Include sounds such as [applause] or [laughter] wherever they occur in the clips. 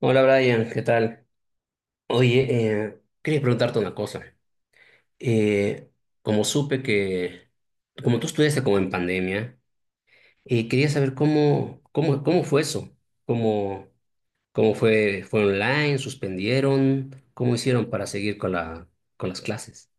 Hola Brian, ¿qué tal? Oye, quería preguntarte una cosa. Eh, como supe que, como tú estudiaste como en pandemia, quería saber cómo fue eso, cómo, cómo fue online, suspendieron, cómo hicieron para seguir con con las clases.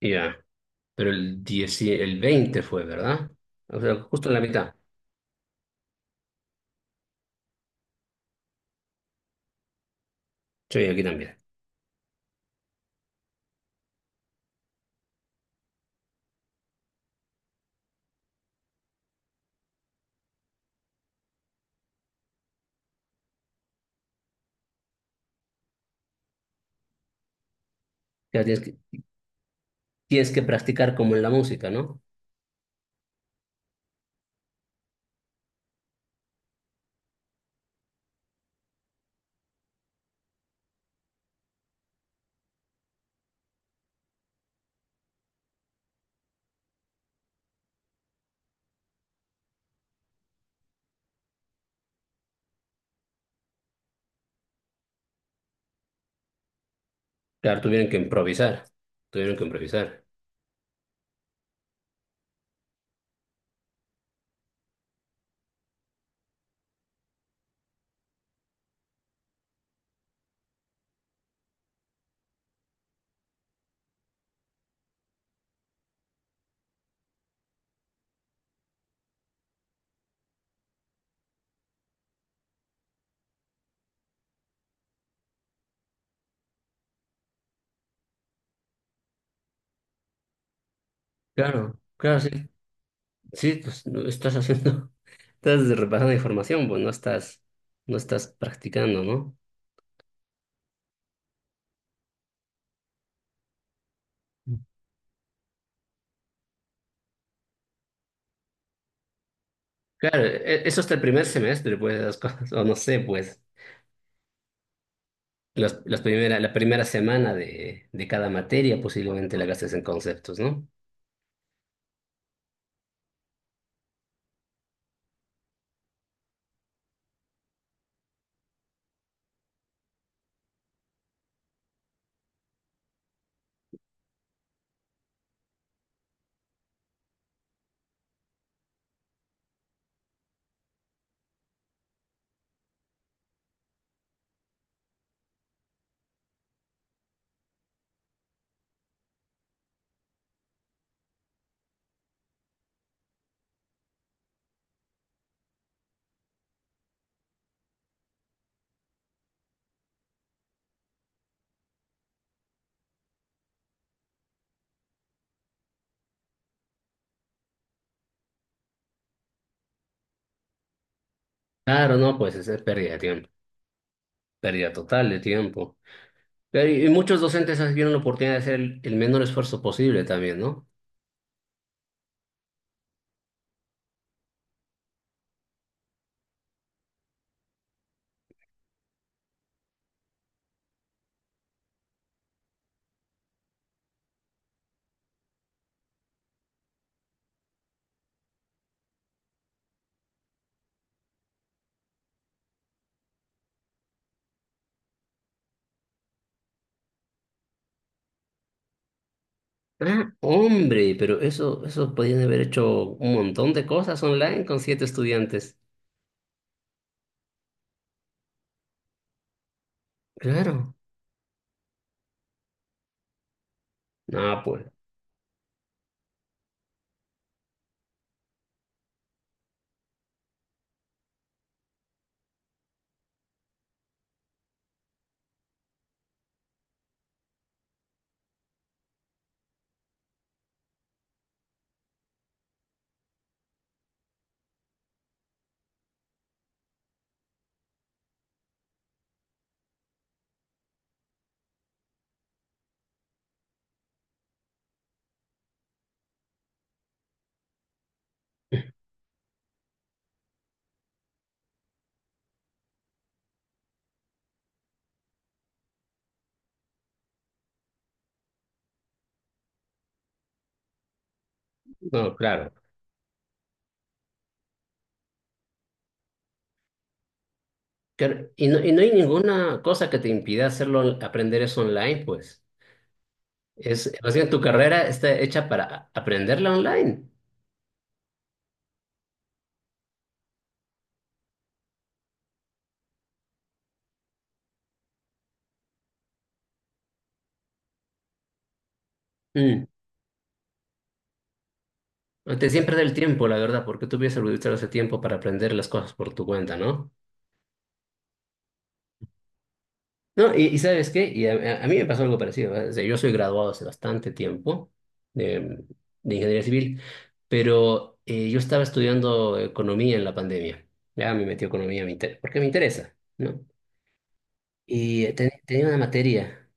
Ya, pero el el 20 fue, ¿verdad? O sea, justo en la mitad. Sí, aquí también. Ya tienes que, tienes que practicar como en la música, ¿no? Claro, tuvieron que improvisar. Claro, claro, sí. Sí, pues no estás haciendo, [laughs] estás repasando información, pues no estás, no estás practicando, ¿no? Claro, eso hasta el primer semestre, pues, las cosas, o no sé, pues, la primera semana de cada materia posiblemente la gastes en conceptos, ¿no? Claro, no, pues es pérdida de tiempo, pérdida total de tiempo. Pero, y muchos docentes tienen la oportunidad de hacer el menor esfuerzo posible también, ¿no? Ah, hombre, pero eso podían haber hecho un montón de cosas online con siete estudiantes. Claro. No, pues, no, claro. Claro, y no, y no hay ninguna cosa que te impida hacerlo, aprender eso online, pues. Es, más bien, tu carrera está hecha para aprenderla online. Mm. Te siempre da el tiempo, la verdad, porque tú hubieses utilizado ese tiempo para aprender las cosas por tu cuenta, ¿no? No, y ¿sabes qué? A mí me pasó algo parecido, ¿eh? O sea, yo soy graduado hace bastante tiempo de, de ingeniería civil, pero yo estaba estudiando economía en la pandemia. Ya me metí a economía, porque me interesa, ¿no? Y tenía una materia,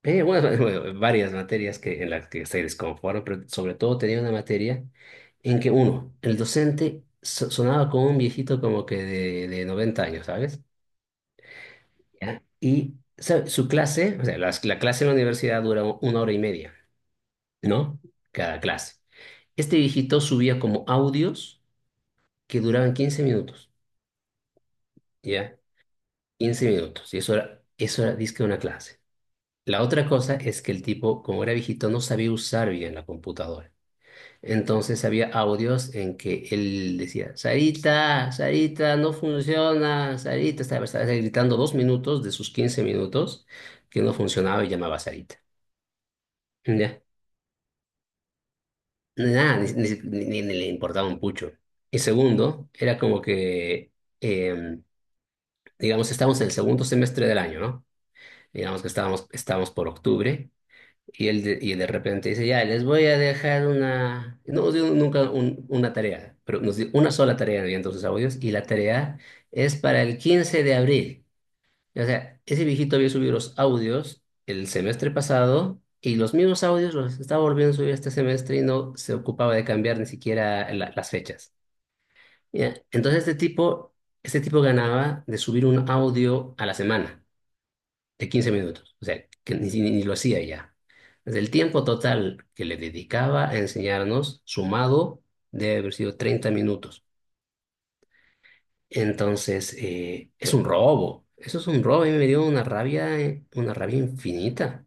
tenía algunas- [laughs] bueno, varias materias que, en las que se desconforme, pero sobre todo tenía una materia en que uno, el docente sonaba como un viejito como que de 90 años, ¿sabes? Ya. ¿Y sabe? Su clase, o sea, clase en la universidad dura una hora y media, ¿no? Cada clase. Este viejito subía como audios que duraban 15 minutos, ¿ya? 15 minutos. Y eso era disque una clase. La otra cosa es que el tipo, como era viejito, no sabía usar bien la computadora. Entonces había audios en que él decía, Sarita, Sarita, no funciona, Sarita, estaba gritando 2 minutos de sus 15 minutos que no funcionaba y llamaba a Sarita. Ya. Nada, ni le importaba un pucho. Y segundo, era como que, eh, digamos, estábamos en el segundo semestre del año, ¿no? Digamos que estábamos por octubre y de repente dice, ya, les voy a dejar una, no nos dio nunca una tarea, pero nos dio una sola tarea en sus audios y la tarea es para el 15 de abril. O sea, ese viejito había subido los audios el semestre pasado y los mismos audios los estaba volviendo a subir este semestre y no se ocupaba de cambiar ni siquiera las fechas. Ya, entonces este tipo ganaba de subir un audio a la semana de 15 minutos. O sea, que ni lo hacía ya. Desde el tiempo total que le dedicaba a enseñarnos, sumado, debe haber sido 30 minutos. Entonces, es un robo. Eso es un robo. A mí me dio una rabia infinita.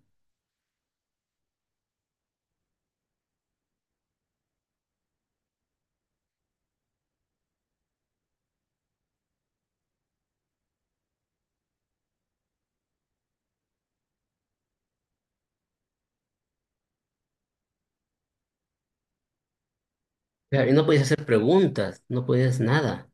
Claro, y no podías hacer preguntas, no podías nada.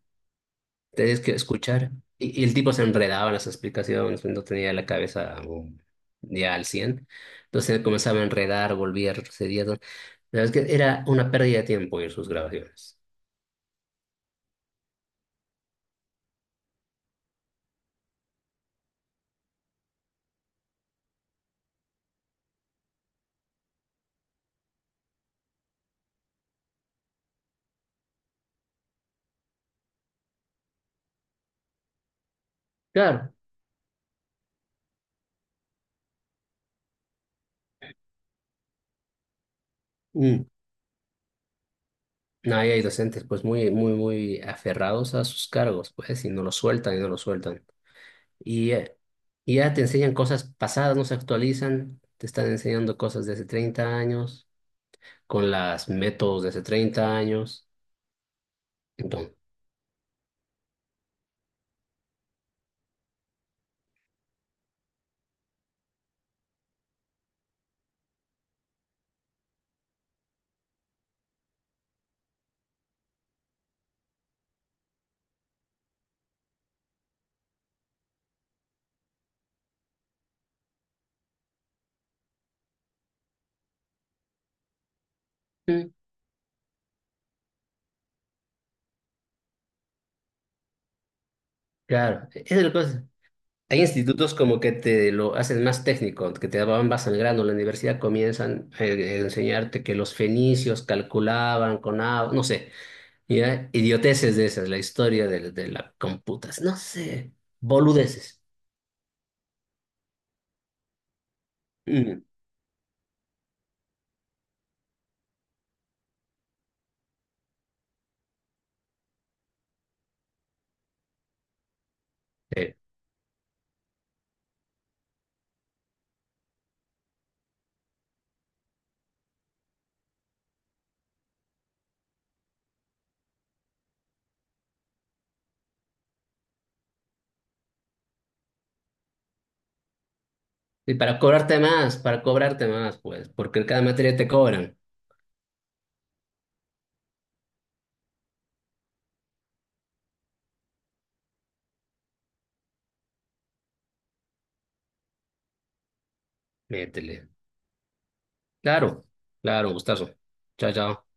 Tenías que escuchar. Y el tipo se enredaba en las explicaciones, no tenía la cabeza ya al 100. Entonces comenzaba a enredar, volvía, retrocedía, todo. La verdad es que era una pérdida de tiempo ir sus grabaciones. Claro, mm, no, ahí hay docentes pues muy aferrados a sus cargos, pues, y no lo sueltan y no lo sueltan. Y, eh, y ya te enseñan cosas pasadas, no se actualizan, te están enseñando cosas de hace 30 años, con las métodos de hace 30 años. Entonces, mm, claro, esa es la cosa. Hay institutos como que te lo hacen más técnico, que te van más al grano. La universidad comienzan a enseñarte que los fenicios calculaban con agua, no sé, ya, idioteces de esas, la historia de la computas, no sé, boludeces. Mm. Sí. Y para cobrarte más, pues, porque cada materia te cobran. Métele. Claro, claro, gustazo. Chao, chao.